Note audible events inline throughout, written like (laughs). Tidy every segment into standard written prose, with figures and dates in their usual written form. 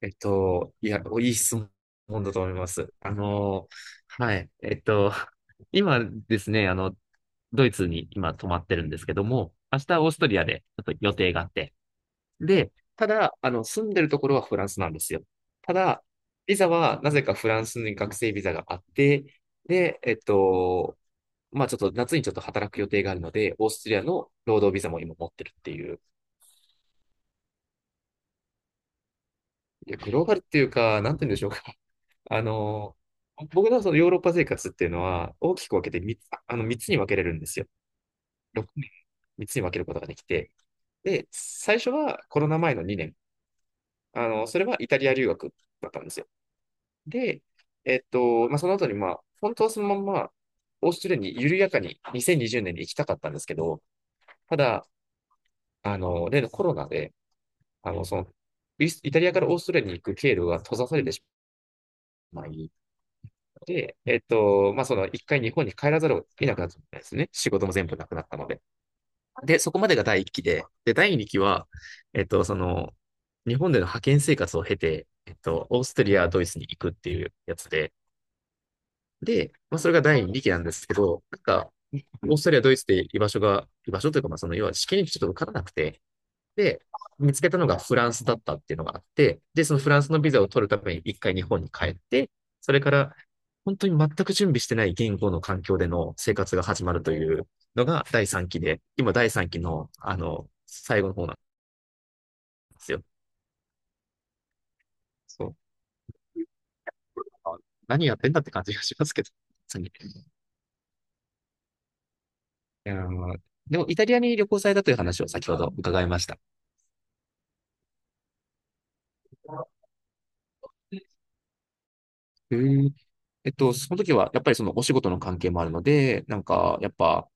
いや、いい質問だと思います。はい。(laughs) 今ですね、ドイツに今泊まってるんですけども、明日オーストリアでちょっと予定があって。で、ただ、住んでるところはフランスなんですよ。ただ、ビザはなぜかフランスに学生ビザがあって、で、まあちょっと夏にちょっと働く予定があるので、オーストリアの労働ビザも今持ってるっていう。いや、グローバルっていうか、なんて言うんでしょうか。(laughs) あの、僕のそのヨーロッパ生活っていうのは、大きく分けて3つに分けれるんですよ。6年、3つに分けることができて。で、最初はコロナ前の2年。それはイタリア留学だったんですよ。で、まあ、その後に、まあ、本当はそのまんま、オーストラリアに緩やかに2020年にじゅうねんに行きたかったんですけど、ただ、例のコロナで、あの、その、イタリアからオーストラリアに行く経路が閉ざされてしまい、で、まあ、その一回日本に帰らざるを得なくなったんですね。仕事も全部なくなったので。で、そこまでが第一期で、で、第二期は、えっと、その、日本での派遣生活を経て、オーストリア、ドイツに行くっていうやつで、で、まあ、それが第二期なんですけど、なんか、オーストリア、ドイツで居場所が、居場所というか、まあ、その、要は試験にちょっと受からなくて、で、見つけたのがフランスだったっていうのがあって、で、そのフランスのビザを取るために一回日本に帰って、それから本当に全く準備してない言語の環境での生活が始まるというのが第3期で、今第3期の、最後の方なんですよ。そう。あ、何やってんだって感じがしますけど、次。いやー、でも、イタリアに旅行されたという話を先ほど伺いました。へー、その時は、やっぱりそのお仕事の関係もあるので、なんか、やっぱ、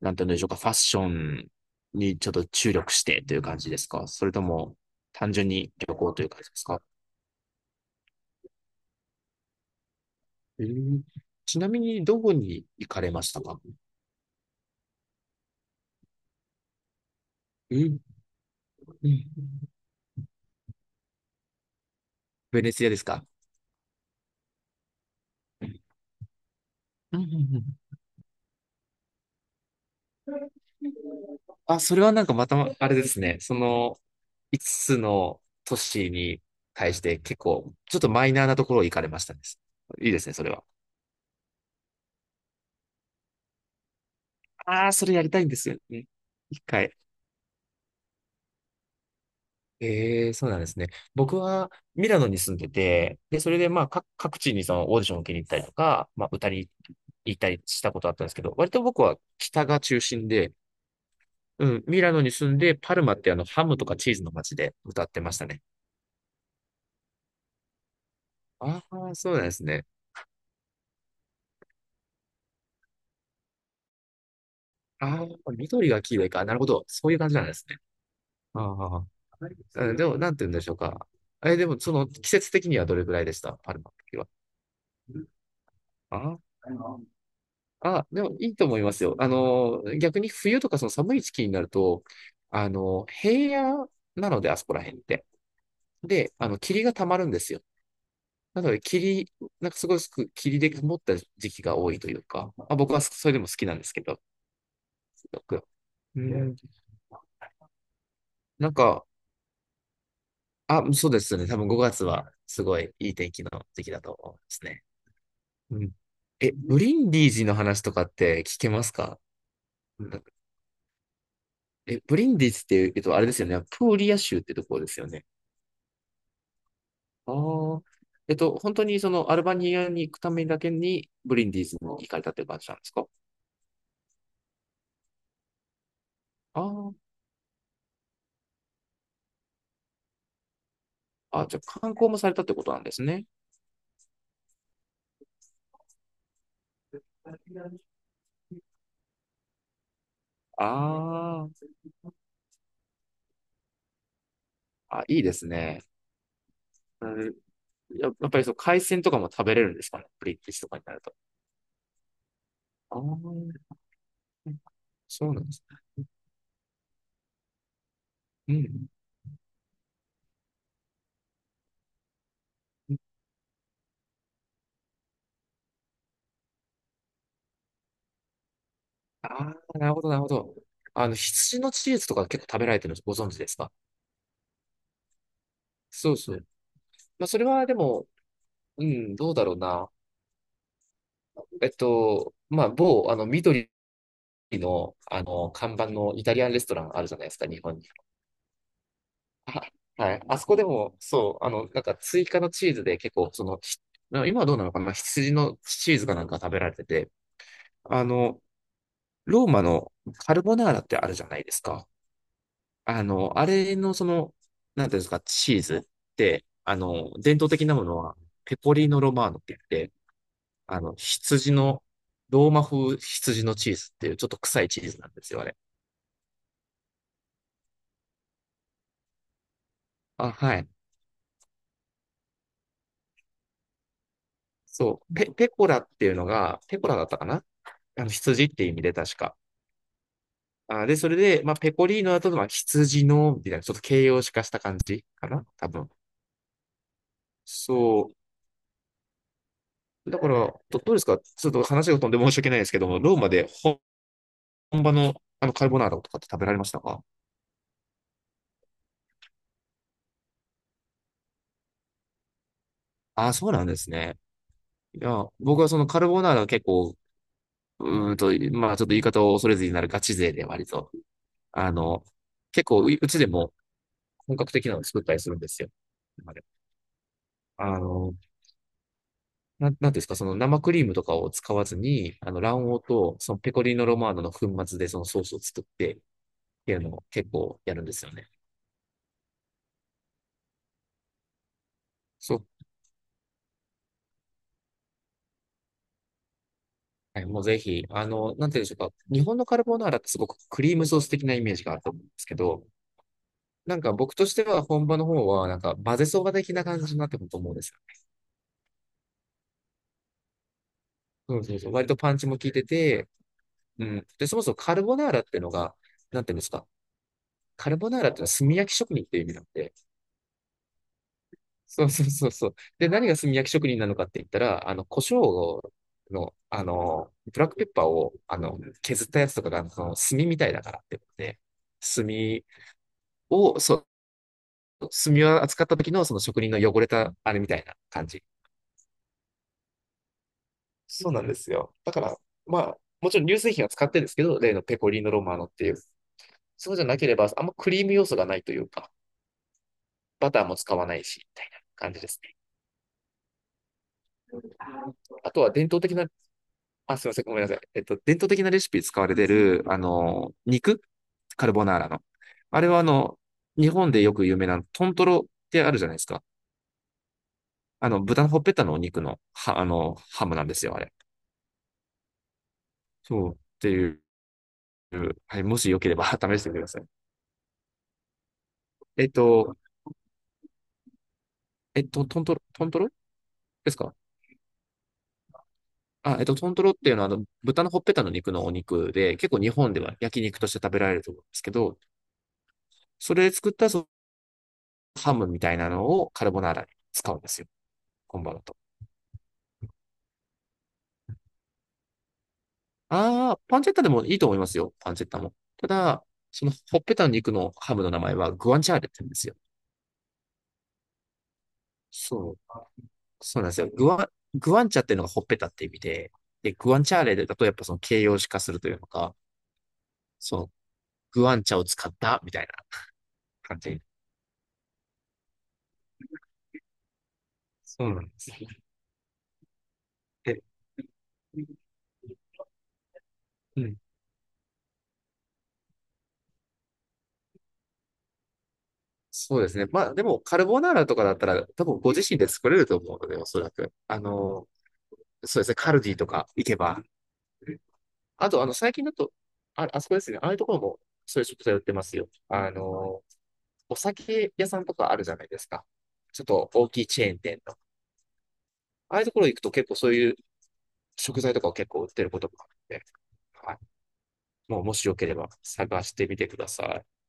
なんていうんでしょうか、ファッションにちょっと注力してという感じですか？それとも、単純に旅行という感じですか？えーちなみに、どこに行かれましたか？うんうん。ベネツィアですか？うんうんうん。あ、それはなんかまた、あれですね、その、5つの都市に対して結構、ちょっとマイナーなところを行かれましたです。いいですね、それは。ああ、それやりたいんですよね。一回。ええ、そうなんですね。僕はミラノに住んでて、で、それでまあ、各地にそのオーディションを受けに行ったりとか、まあ、歌に行ったりしたことあったんですけど、割と僕は北が中心で、うん、ミラノに住んで、パルマってハムとかチーズの街で歌ってましたね。ああ、そうなんですね。ああ、緑が黄色いか。なるほど。そういう感じなんですね。ああ、うん、でも、なんて言うんでしょうか。え、でも、その、季節的にはどれぐらいでした？パルマの時は。ああ。あ、でもいいと思いますよ。逆に冬とかその寒い時期になると、平野なので、あそこら辺って。で、霧が溜まるんですよ。なので、霧、なんかすごいすく霧で曇った時期が多いというか、あ、僕はそれでも好きなんですけど、すごく。うん。なんか、あ、そうですね。多分5月はすごいいい天気の時期だと思いますね。うん。え、ブリンディージの話とかって聞けますか？なんか、え、ブリンディージっていうと、あれですよね。プーリア州ってところですよね。ああ。本当にそのアルバニアに行くためだけにブリンディーズに行かれたっていう感じなんですか？ああ。あ、じゃあ観光もされたってことなんですね。あー、あ、いいですね。うん、ややっぱりそう、海鮮とかも食べれるんですかね。ブリンディーズとかになると。ああ、そうなんです。うん。ああ、なるほど、なるほど。羊のチーズとか結構食べられてるのご存知ですか？そうそう。まあ、それはでも、うん、どうだろうな。まあ、某、緑の、看板のイタリアンレストランあるじゃないですか、日本に。(laughs) あはい。あそこでも、そう、なんか追加のチーズで結構、その、今はどうなのかな、羊のチーズかなんか食べられてて、あの、ローマのカルボナーラってあるじゃないですか。あれのその、なんていうんですか、チーズって、伝統的なものは、ペコリーノ・ロマーノって言って、羊の、ローマ風羊のチーズっていうちょっと臭いチーズなんですよ、あれ。あ、はい。そう。ペコラっていうのが、ペコラだったかな。羊っていう意味で確か。あ、で、それで、まあ、ペコリーノだと、まあ、羊の、みたいな、ちょっと形容詞化した感じかな多分。そう。だから、どうですか、ちょっと話が飛んで申し訳ないですけども、ローマで本場の、カルボナーラとかって食べられましたか？あ、そうなんですね。いや、僕はそのカルボナーラは結構、うーんと、まあ、ちょっと言い方を恐れずになるガチ勢で割と、あの、結構、うちでも本格的なのを作ったりするんですよ。あの、なんていうんですか、その生クリームとかを使わずに、卵黄と、そのペコリーノロマーノの粉末でそのソースを作ってっていうのを結構やるんですよね。そう。はい、もうぜひ、なんていうんでしょうか。日本のカルボナーラってすごくクリームソース的なイメージがあると思うんですけど、なんか僕としては本場の方は、なんか混ぜそば的な感じになってくると思うんですよ。そうそうそう。割とパンチも効いてて、うん。で、そもそもカルボナーラっていうのが、なんていうんですか。カルボナーラっていうのは炭焼き職人っていう意味なんで、そうそうそうそう。で、何が炭焼き職人なのかって言ったら、胡椒の、ブラックペッパーを、削ったやつとかが、その、炭みたいだからってことで、炭を、そう、炭を扱った時の、その職人の汚れた、あれみたいな感じ。そうなんですよ。だから、まあ、もちろん乳製品は使ってるんですけど、例のペコリーノロマーノっていう。そうじゃなければ、あんまクリーム要素がないというか、バターも使わないし、みたいな感じですね。あとは伝統的な、あ、すいません、ごめんなさい。伝統的なレシピ使われてる、肉、カルボナーラの。あれは、日本でよく有名なトントロってあるじゃないですか。豚のほっぺたのお肉の、は、ハムなんですよ、あれ。そう。っていう、はい、もしよければ (laughs) 試してみてください。えっと、トントロですか？あ、トントロっていうのは、豚のほっぺたの肉のお肉で、結構日本では焼肉として食べられると思うんですけど、それで作ったそのハムみたいなのをカルボナーラに使うんですよ、本場だと。ああ、パンチェッタでもいいと思いますよ。パンチェッタも。ただ、そのほっぺたの肉のハムの名前はグアンチャーレって言うんですよ。そう。そうなんですよ。グワンチャっていうのがほっぺたって意味で、で、グワンチャーレだとやっぱその形容詞化するというのか、そのグワンチャを使ったみたいな感じ。そうなんですね。で、うん。そうですね。まあでも、カルボナーラとかだったら、多分ご自身で作れると思うので、おそらく。そうですね。カルディとか行けば、あと、最近だと、あ、あそこですね。ああいうところも、そういう食材売ってますよ。お酒屋さんとかあるじゃないですか。ちょっと大きいチェーン店の。ああいうところ行くと結構そういう食材とかを結構売ってることもあって、はい。もう、もしよければ探してみてください。